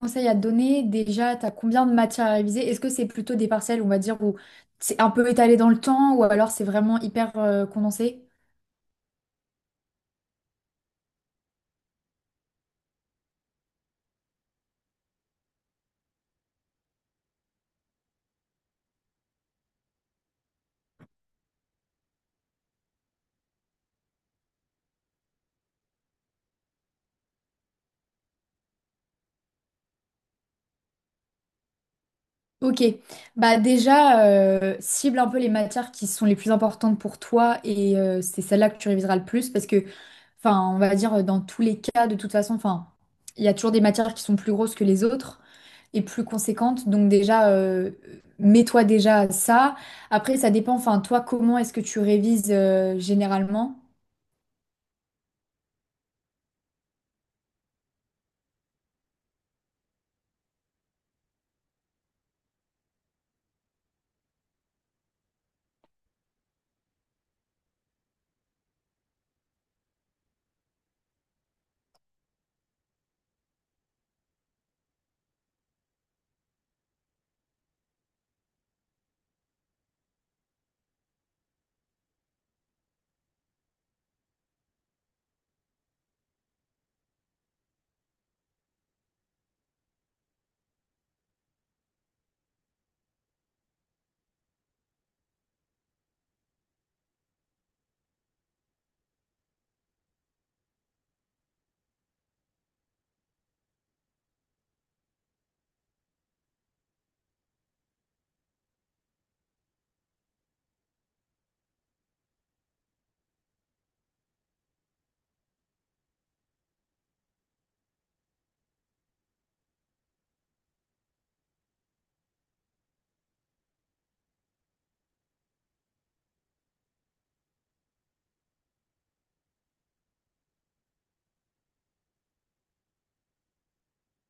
Conseils à te donner? Déjà, tu as combien de matières à réviser? Est-ce que c'est plutôt des parcelles, on va dire, où c'est un peu étalé dans le temps ou alors c'est vraiment hyper condensé? Ok, bah déjà, cible un peu les matières qui sont les plus importantes pour toi et c'est celle-là que tu réviseras le plus parce que, enfin, on va dire dans tous les cas, de toute façon, enfin, il y a toujours des matières qui sont plus grosses que les autres et plus conséquentes. Donc déjà, mets-toi déjà à ça. Après, ça dépend, enfin, toi, comment est-ce que tu révises généralement?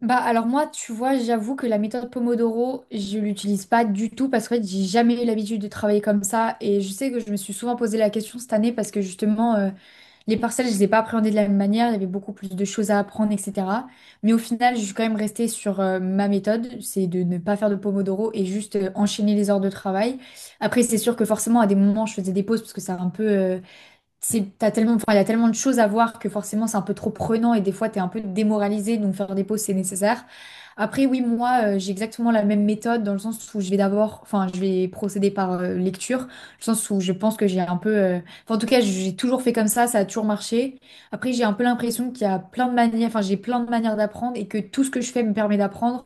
Bah alors moi, tu vois, j'avoue que la méthode Pomodoro, je l'utilise pas du tout parce que en fait, j'ai jamais eu l'habitude de travailler comme ça et je sais que je me suis souvent posé la question cette année parce que justement les parcelles, je les ai pas appréhendées de la même manière, il y avait beaucoup plus de choses à apprendre, etc. Mais au final, je suis quand même restée sur ma méthode, c'est de ne pas faire de Pomodoro et juste enchaîner les heures de travail. Après, c'est sûr que forcément à des moments, je faisais des pauses parce que c'est un peu c'est, t'as tellement, enfin, il y a tellement de choses à voir que forcément c'est un peu trop prenant et des fois t'es un peu démoralisé, donc faire des pauses c'est nécessaire. Après, oui, moi j'ai exactement la même méthode dans le sens où je vais d'abord, enfin, je vais procéder par lecture, dans le sens où je pense que j'ai un peu, enfin, en tout cas, j'ai toujours fait comme ça a toujours marché. Après, j'ai un peu l'impression qu'il y a plein de manières, enfin, j'ai plein de manières d'apprendre et que tout ce que je fais me permet d'apprendre.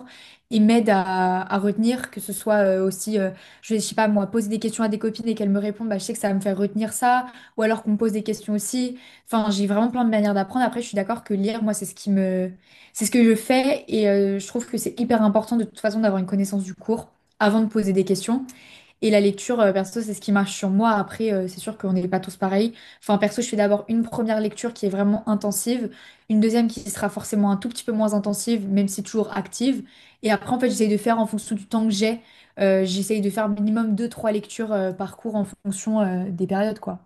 Et m'aide à retenir, que ce soit aussi, je sais pas moi, poser des questions à des copines et qu'elles me répondent, bah, je sais que ça va me faire retenir ça. Ou alors qu'on me pose des questions aussi. Enfin, j'ai vraiment plein de manières d'apprendre. Après, je suis d'accord que lire, moi, c'est ce qui me... C'est ce que je fais et je trouve que c'est hyper important de toute façon d'avoir une connaissance du cours avant de poser des questions. Et la lecture, perso, c'est ce qui marche sur moi. Après, c'est sûr qu'on n'est pas tous pareils. Enfin, perso, je fais d'abord une première lecture qui est vraiment intensive, une deuxième qui sera forcément un tout petit peu moins intensive, même si toujours active. Et après, en fait, j'essaye de faire en fonction du temps que j'ai. J'essaye de faire minimum deux trois lectures par cours en fonction des périodes, quoi.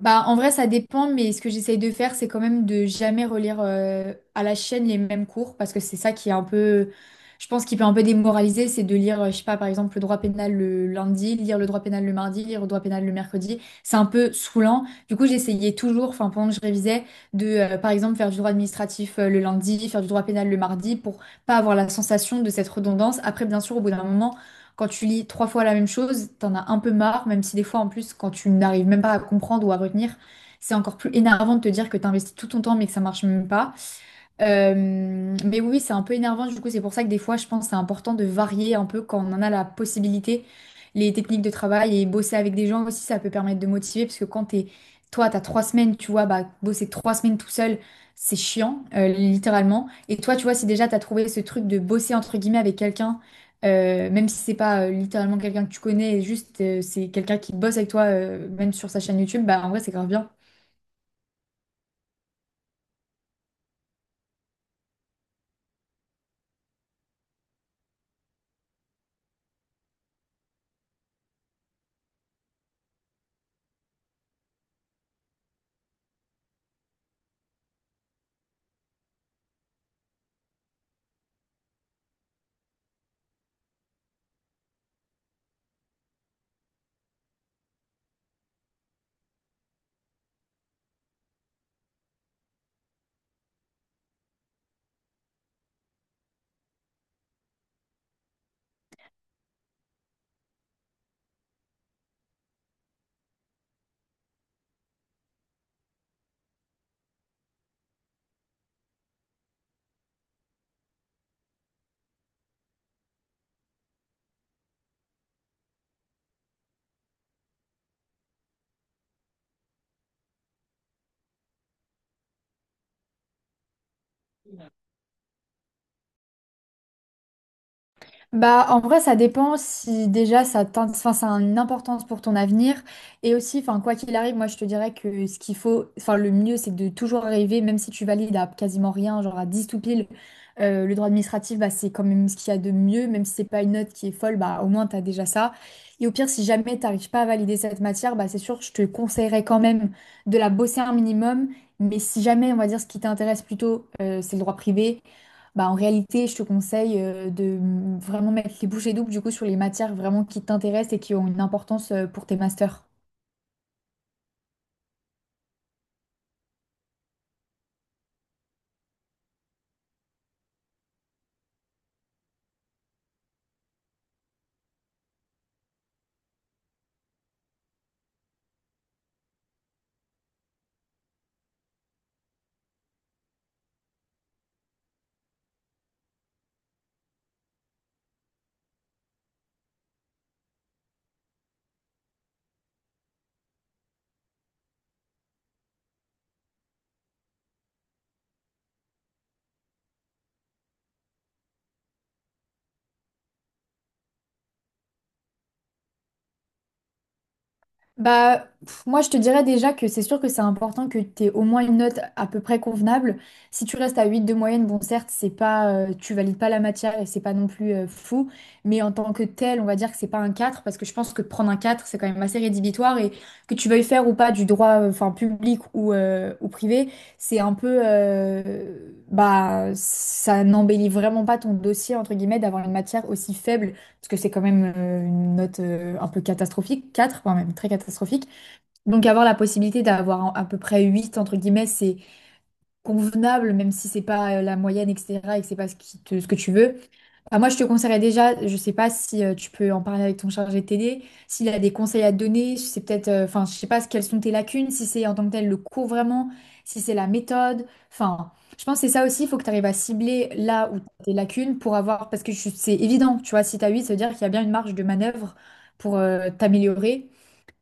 Bah, en vrai, ça dépend, mais ce que j'essaye de faire, c'est quand même de jamais relire à la chaîne les mêmes cours, parce que c'est ça qui est un peu, je pense, qui peut un peu démoraliser, c'est de lire, je sais pas, par exemple, le droit pénal le lundi, lire le droit pénal le mardi, lire le droit pénal le mercredi. C'est un peu saoulant. Du coup, j'essayais toujours, enfin, pendant que je révisais, de, par exemple, faire du droit administratif le lundi, faire du droit pénal le mardi, pour pas avoir la sensation de cette redondance. Après, bien sûr, au bout d'un moment, quand tu lis trois fois la même chose, t'en as un peu marre, même si des fois en plus, quand tu n'arrives même pas à comprendre ou à retenir, c'est encore plus énervant de te dire que t'as investi tout ton temps mais que ça marche même pas. Mais oui, c'est un peu énervant, du coup, c'est pour ça que des fois, je pense que c'est important de varier un peu quand on en a la possibilité, les techniques de travail et bosser avec des gens aussi, ça peut permettre de motiver, parce que quand t'es, toi, t'as 3 semaines, tu vois, bah, bosser 3 semaines tout seul, c'est chiant, littéralement. Et toi, tu vois, si déjà t'as trouvé ce truc de bosser, entre guillemets, avec quelqu'un, même si c'est pas littéralement quelqu'un que tu connais, juste c'est quelqu'un qui bosse avec toi, même sur sa chaîne YouTube, bah, en vrai, c'est grave bien. Bah, en vrai, ça dépend si déjà enfin, ça a une importance pour ton avenir. Et aussi, enfin, quoi qu'il arrive, moi je te dirais que ce qu'il faut, enfin, le mieux c'est de toujours rêver même si tu valides à quasiment rien, genre à 10 tout pile, le droit administratif, bah, c'est quand même ce qu'il y a de mieux, même si c'est pas une note qui est folle, bah, au moins t'as déjà ça. Et au pire, si jamais t'arrives pas à valider cette matière, bah, c'est sûr, je te conseillerais quand même de la bosser un minimum. Mais si jamais, on va dire, ce qui t'intéresse plutôt, c'est le droit privé. Bah, en réalité, je te conseille de vraiment mettre les bouchées doubles du coup sur les matières vraiment qui t'intéressent et qui ont une importance pour tes masters. Bah, pff, moi, je te dirais déjà que c'est sûr que c'est important que tu aies au moins une note à peu près convenable. Si tu restes à 8 de moyenne, bon, certes, c'est pas, tu valides pas la matière et c'est pas non plus fou, mais en tant que tel, on va dire que c'est pas un 4 parce que je pense que prendre un 4 c'est quand même assez rédhibitoire et que tu veuilles faire ou pas du droit, enfin, public ou privé, c'est un peu, bah, ça n'embellit vraiment pas ton dossier, entre guillemets, d'avoir une matière aussi faible parce que c'est quand même une note un peu catastrophique, 4 voire même très catastrophique. Donc avoir la possibilité d'avoir à peu près 8 entre guillemets, c'est convenable, même si c'est pas la moyenne, etc., et que c'est pas ce ce que tu veux. Bah, moi, je te conseillerais déjà, je ne sais pas si tu peux en parler avec ton chargé de TD, s'il a des conseils à te donner, si c'est peut-être, enfin, je sais pas quelles sont tes lacunes, si c'est en tant que tel le cours vraiment, si c'est la méthode, enfin, je pense que c'est ça aussi, il faut que tu arrives à cibler là où t'as tes lacunes pour avoir, parce que c'est évident, tu vois, si t'as 8 ça veut dire qu'il y a bien une marge de manœuvre pour t'améliorer,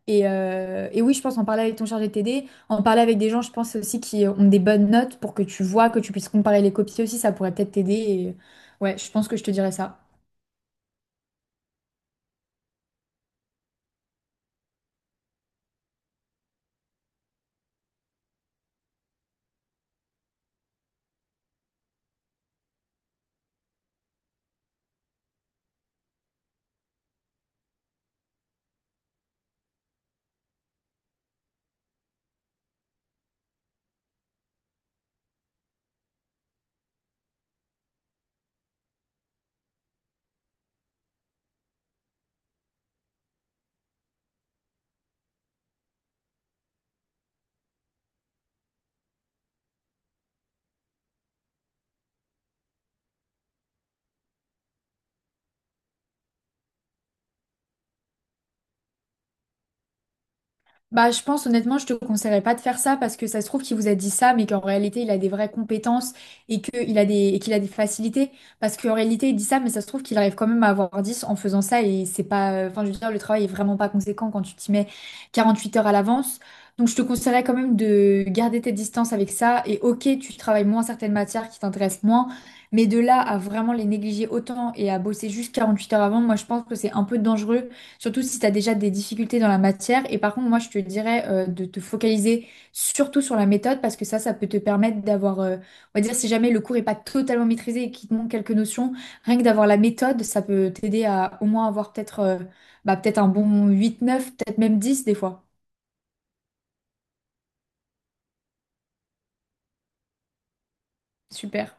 et oui, je pense en parler avec ton chargé de TD, en parler avec des gens, je pense aussi qui ont des bonnes notes pour que tu vois, que tu puisses comparer les copies aussi, ça pourrait peut-être t'aider. Ouais, je pense que je te dirais ça. Bah, je pense honnêtement, je te conseillerais pas de faire ça parce que ça se trouve qu'il vous a dit ça, mais qu'en réalité, il a des vraies compétences et qu'il a des facilités. Parce qu'en réalité, il dit ça, mais ça se trouve qu'il arrive quand même à avoir 10 en faisant ça et c'est pas, enfin, je veux dire, le travail est vraiment pas conséquent quand tu t'y mets 48 heures à l'avance. Donc, je te conseillerais quand même de garder tes distances avec ça et ok, tu travailles moins certaines matières qui t'intéressent moins, mais de là à vraiment les négliger autant et à bosser juste 48 heures avant, moi, je pense que c'est un peu dangereux. Surtout si tu as déjà des difficultés dans la matière. Et par contre, moi, je te dirais de te focaliser surtout sur la méthode parce que ça peut te permettre d'avoir, on va dire, si jamais le cours n'est pas totalement maîtrisé et qu'il te manque quelques notions, rien que d'avoir la méthode, ça peut t'aider à au moins avoir peut-être bah, peut-être un bon 8 9 peut-être même 10 des fois. Super.